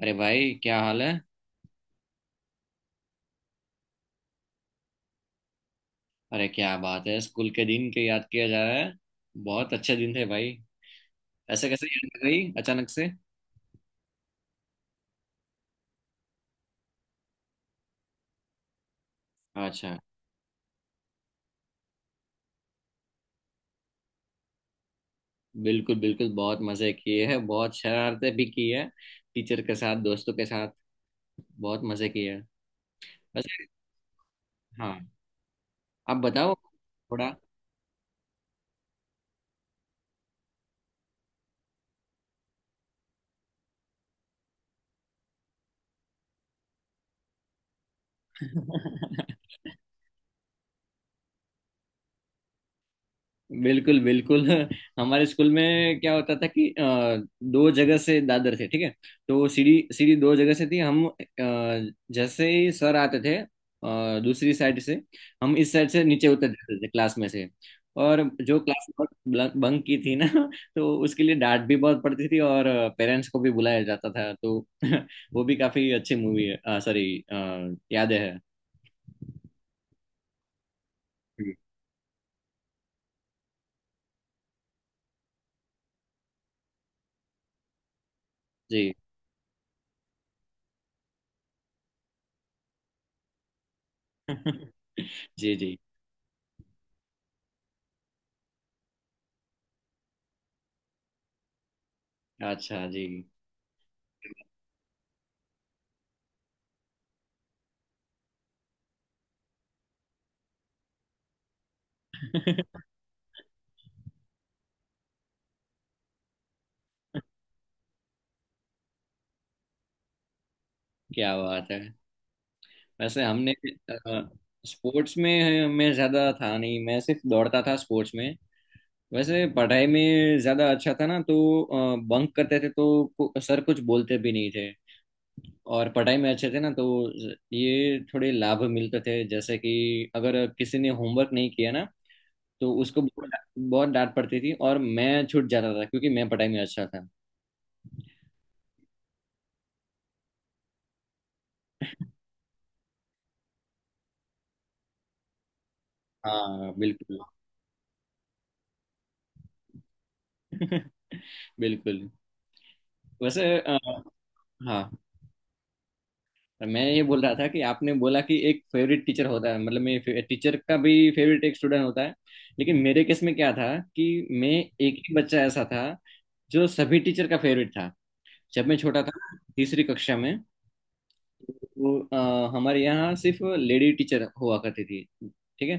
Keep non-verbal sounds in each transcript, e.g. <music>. अरे भाई, क्या हाल है। अरे क्या बात है, स्कूल के दिन के याद किया जा रहा है। बहुत अच्छे दिन थे भाई। ऐसे कैसे याद आ गई अचानक से। अच्छा। बिल्कुल बिल्कुल, बहुत मजे किए हैं, बहुत शरारतें भी की है। टीचर के साथ, दोस्तों के साथ। बहुत मजे किए हैं। वैसे। हाँ। आप बताओ। थोड़ा। <laughs> बिल्कुल बिल्कुल। <laughs> हमारे स्कूल में क्या होता था कि दो जगह से दादर थे, ठीक है। तो सीढ़ी सीढ़ी दो जगह से थी। हम जैसे ही सर आते थे दूसरी साइड से, हम इस साइड से नीचे उतर जाते थे क्लास में से। और जो क्लास बंक की थी ना, <laughs> तो उसके लिए डांट भी बहुत पड़ती थी, और पेरेंट्स को भी बुलाया जाता था तो। <laughs> वो भी काफी अच्छी मूवी है, सॉरी, यादें है। जी। <laughs> जी जी। अच्छा जी। <laughs> क्या बात है। वैसे हमने स्पोर्ट्स में मैं ज़्यादा था नहीं, मैं सिर्फ दौड़ता था स्पोर्ट्स में। वैसे पढ़ाई में ज़्यादा अच्छा था ना, तो बंक करते थे तो सर कुछ बोलते भी नहीं थे। और पढ़ाई में अच्छे थे ना तो ये थोड़े लाभ मिलते थे, जैसे कि अगर किसी ने होमवर्क नहीं किया ना, तो उसको बहुत बहुत डांट पड़ती थी, और मैं छूट जाता था क्योंकि मैं पढ़ाई में अच्छा था। हाँ बिल्कुल। <laughs> बिल्कुल। वैसे, हाँ, मैं ये बोल रहा था कि आपने बोला कि एक फेवरेट टीचर होता है, मतलब मैं टीचर का भी फेवरेट एक स्टूडेंट होता है। लेकिन मेरे केस में क्या था कि मैं एक ही बच्चा ऐसा था जो सभी टीचर का फेवरेट था, जब मैं छोटा था, तीसरी कक्षा में। तो हमारे यहाँ सिर्फ लेडी टीचर हुआ करती थी, ठीक है।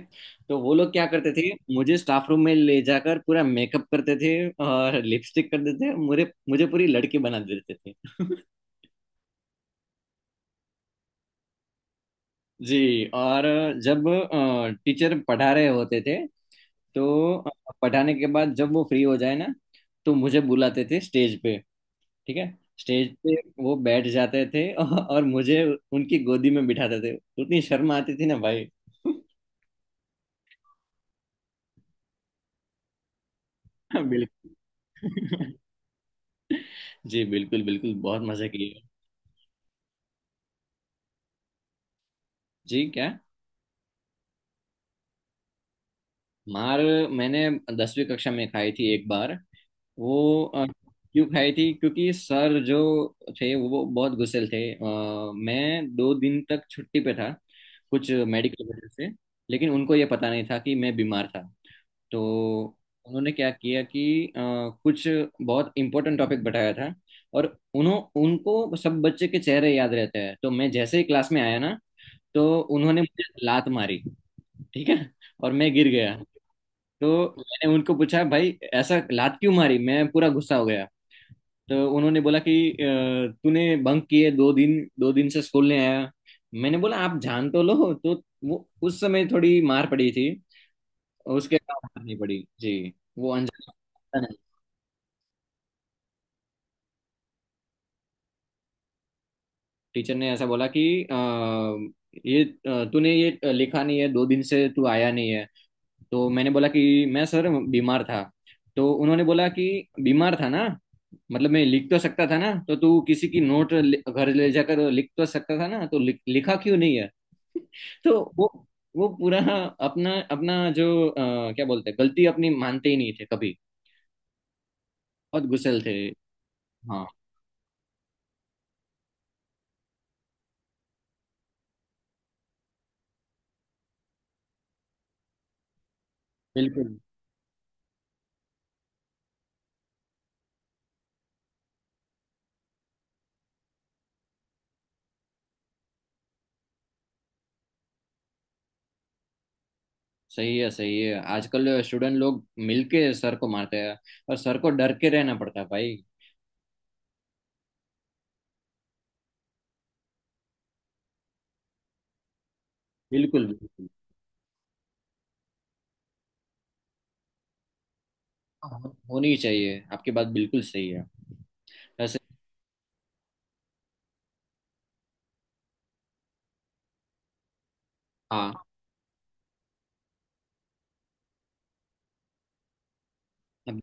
तो वो लोग क्या करते थे, मुझे स्टाफ रूम में ले जाकर पूरा मेकअप करते थे। और लिपस्टिक कर देते थे मुझे मुझे पूरी लड़की बना देते थे। <laughs> जी। और जब टीचर पढ़ा रहे होते थे, तो पढ़ाने के बाद जब वो फ्री हो जाए ना, तो मुझे बुलाते थे स्टेज पे, ठीक है। स्टेज पे वो बैठ जाते थे, <laughs> और मुझे उनकी गोदी में बिठाते थे। उतनी शर्म आती थी ना भाई। <laughs> बिल्कुल। <laughs> जी बिल्कुल बिल्कुल, बहुत मजे किए। जी क्या? मार मैंने 10वीं कक्षा में खाई थी एक बार। वो, क्यों खाई थी, क्योंकि सर जो थे वो बहुत गुस्सेल थे। मैं 2 दिन तक छुट्टी पे था, कुछ मेडिकल वजह से। लेकिन उनको ये पता नहीं था कि मैं बीमार था। तो उन्होंने क्या किया कि, कुछ बहुत इंपॉर्टेंट टॉपिक बताया था। और उन्हों उनको सब बच्चे के चेहरे याद रहते हैं, तो मैं जैसे ही क्लास में आया ना, तो उन्होंने मुझे लात मारी, ठीक है। और मैं गिर गया। तो मैंने उनको पूछा, भाई ऐसा लात क्यों मारी, मैं पूरा गुस्सा हो गया। तो उन्होंने बोला कि, तूने बंक किए, 2 दिन से स्कूल नहीं आया। मैंने बोला, आप जान तो लो तो। वो उस समय थोड़ी मार पड़ी थी। उसके बाद मार नहीं पड़ी जी। वो अनजान टीचर ने ऐसा बोला कि, अ, ये, तूने ये लिखा नहीं है, 2 दिन से तू आया नहीं है। तो मैंने बोला कि मैं सर बीमार था। तो उन्होंने बोला कि बीमार था ना, मतलब मैं लिख तो सकता था ना, तो तू किसी की नोट घर ले जाकर लिख तो सकता था ना, तो लिखा क्यों नहीं है। <laughs> तो वो पूरा, अपना अपना जो, क्या बोलते हैं, गलती अपनी मानते ही नहीं थे कभी। बहुत गुस्सेल थे। हाँ बिल्कुल। सही है, सही है। आजकल स्टूडेंट लोग मिलके सर को मारते हैं, और सर को डर के रहना पड़ता है भाई। बिल्कुल बिल्कुल। हाँ, होनी चाहिए, आपकी बात बिल्कुल सही है। ऐसे। हाँ। अब-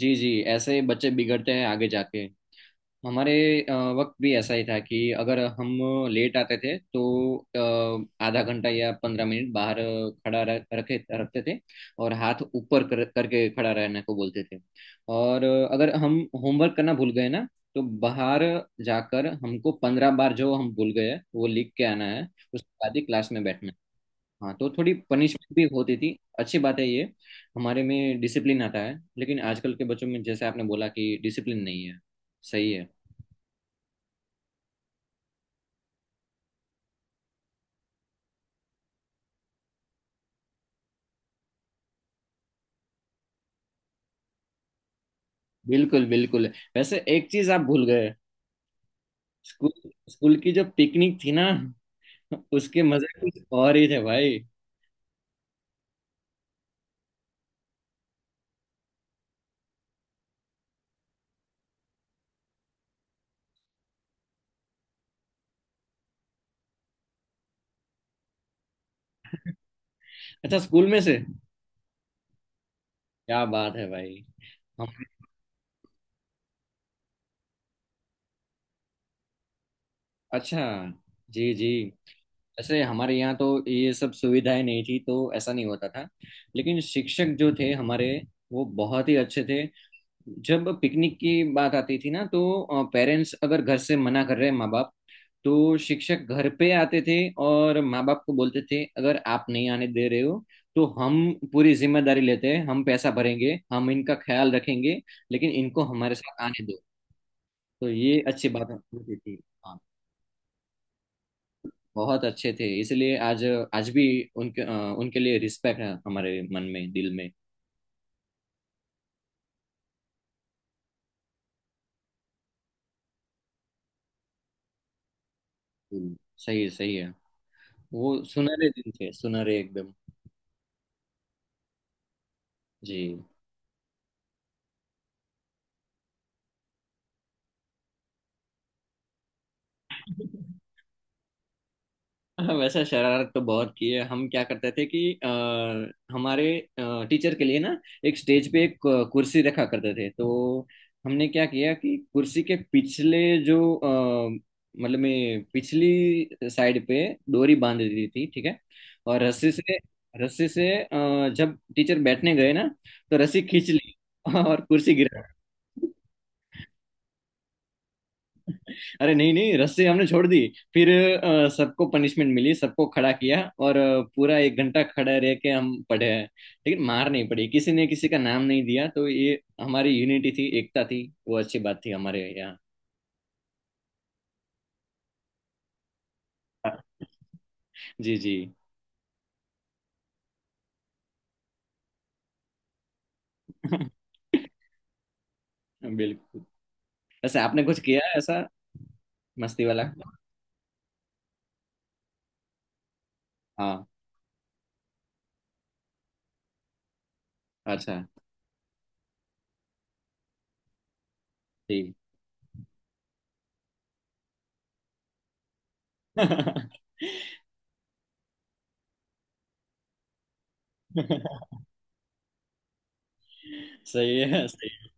जी जी, ऐसे बच्चे बिगड़ते हैं आगे जाके। हमारे अ, वक्त भी ऐसा ही था कि अगर हम लेट आते थे तो, आधा घंटा या 15 मिनट बाहर खड़ा रख रखे रखते थे। और हाथ ऊपर करके खड़ा रहने को बोलते थे। और अगर हम होमवर्क करना भूल गए ना, तो बाहर जाकर हमको 15 बार जो हम भूल गए वो लिख के आना है। उसके बाद ही क्लास में बैठना है। हाँ तो थोड़ी पनिशमेंट भी होती थी। अच्छी बात है ये। हमारे में डिसिप्लिन आता है, लेकिन आजकल के बच्चों में जैसे आपने बोला कि डिसिप्लिन नहीं है। सही है। बिल्कुल बिल्कुल। वैसे एक चीज आप भूल गए। स्कूल स्कूल की जो पिकनिक थी ना, उसके मजे कुछ और ही थे भाई। अच्छा, स्कूल में से। क्या बात है भाई। हम अच्छा। जी जी। वैसे हमारे यहाँ तो ये सब सुविधाएं नहीं थी, तो ऐसा नहीं होता था। लेकिन शिक्षक जो थे हमारे, वो बहुत ही अच्छे थे। जब पिकनिक की बात आती थी ना, तो पेरेंट्स अगर घर से मना कर रहे हैं, माँ बाप, तो शिक्षक घर पे आते थे। और माँ बाप को बोलते थे, अगर आप नहीं आने दे रहे हो तो हम पूरी जिम्मेदारी लेते हैं, हम पैसा भरेंगे, हम इनका ख्याल रखेंगे, लेकिन इनको हमारे साथ आने दो। तो ये अच्छी बात होती थी। हाँ। बहुत अच्छे थे, इसलिए आज आज भी उनके लिए रिस्पेक्ट है हमारे मन में, दिल में। सही है, सही है। वो सुनहरे दिन थे, सुनहरे एकदम। जी। <laughs> <laughs> हाँ, वैसे शरारत तो बहुत की है। हम क्या करते थे कि, हमारे टीचर के लिए ना एक स्टेज पे एक, कुर्सी रखा करते थे। तो हमने क्या किया कि कुर्सी के पिछले जो, मतलब में पिछली साइड पे डोरी बांध दी थी, ठीक है। और रस्सी से जब टीचर बैठने गए ना, तो रस्सी खींच ली। <laughs> और कुर्सी गिरा। अरे नहीं नहीं, रस्सी हमने छोड़ दी। फिर सबको पनिशमेंट मिली, सबको खड़ा किया, और पूरा 1 घंटा खड़ा रह के हम पढ़े हैं। लेकिन मार नहीं पड़ी, किसी ने किसी का नाम नहीं दिया, तो ये हमारी यूनिटी थी, एकता थी। वो अच्छी बात थी हमारे यहाँ। जी जी। <laughs> बिल्कुल। वैसे आपने कुछ किया है ऐसा मस्ती वाला? हाँ। अच्छा। ठीक। <laughs> सही है, सही है।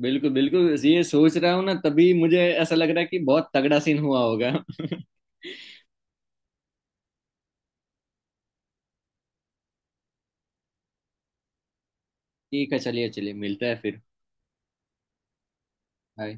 बिल्कुल बिल्कुल, ये सोच रहा हूँ ना, तभी मुझे ऐसा लग रहा है कि बहुत तगड़ा सीन हुआ होगा। <laughs> ठीक है, चलिए चलिए, मिलते हैं फिर। बाय।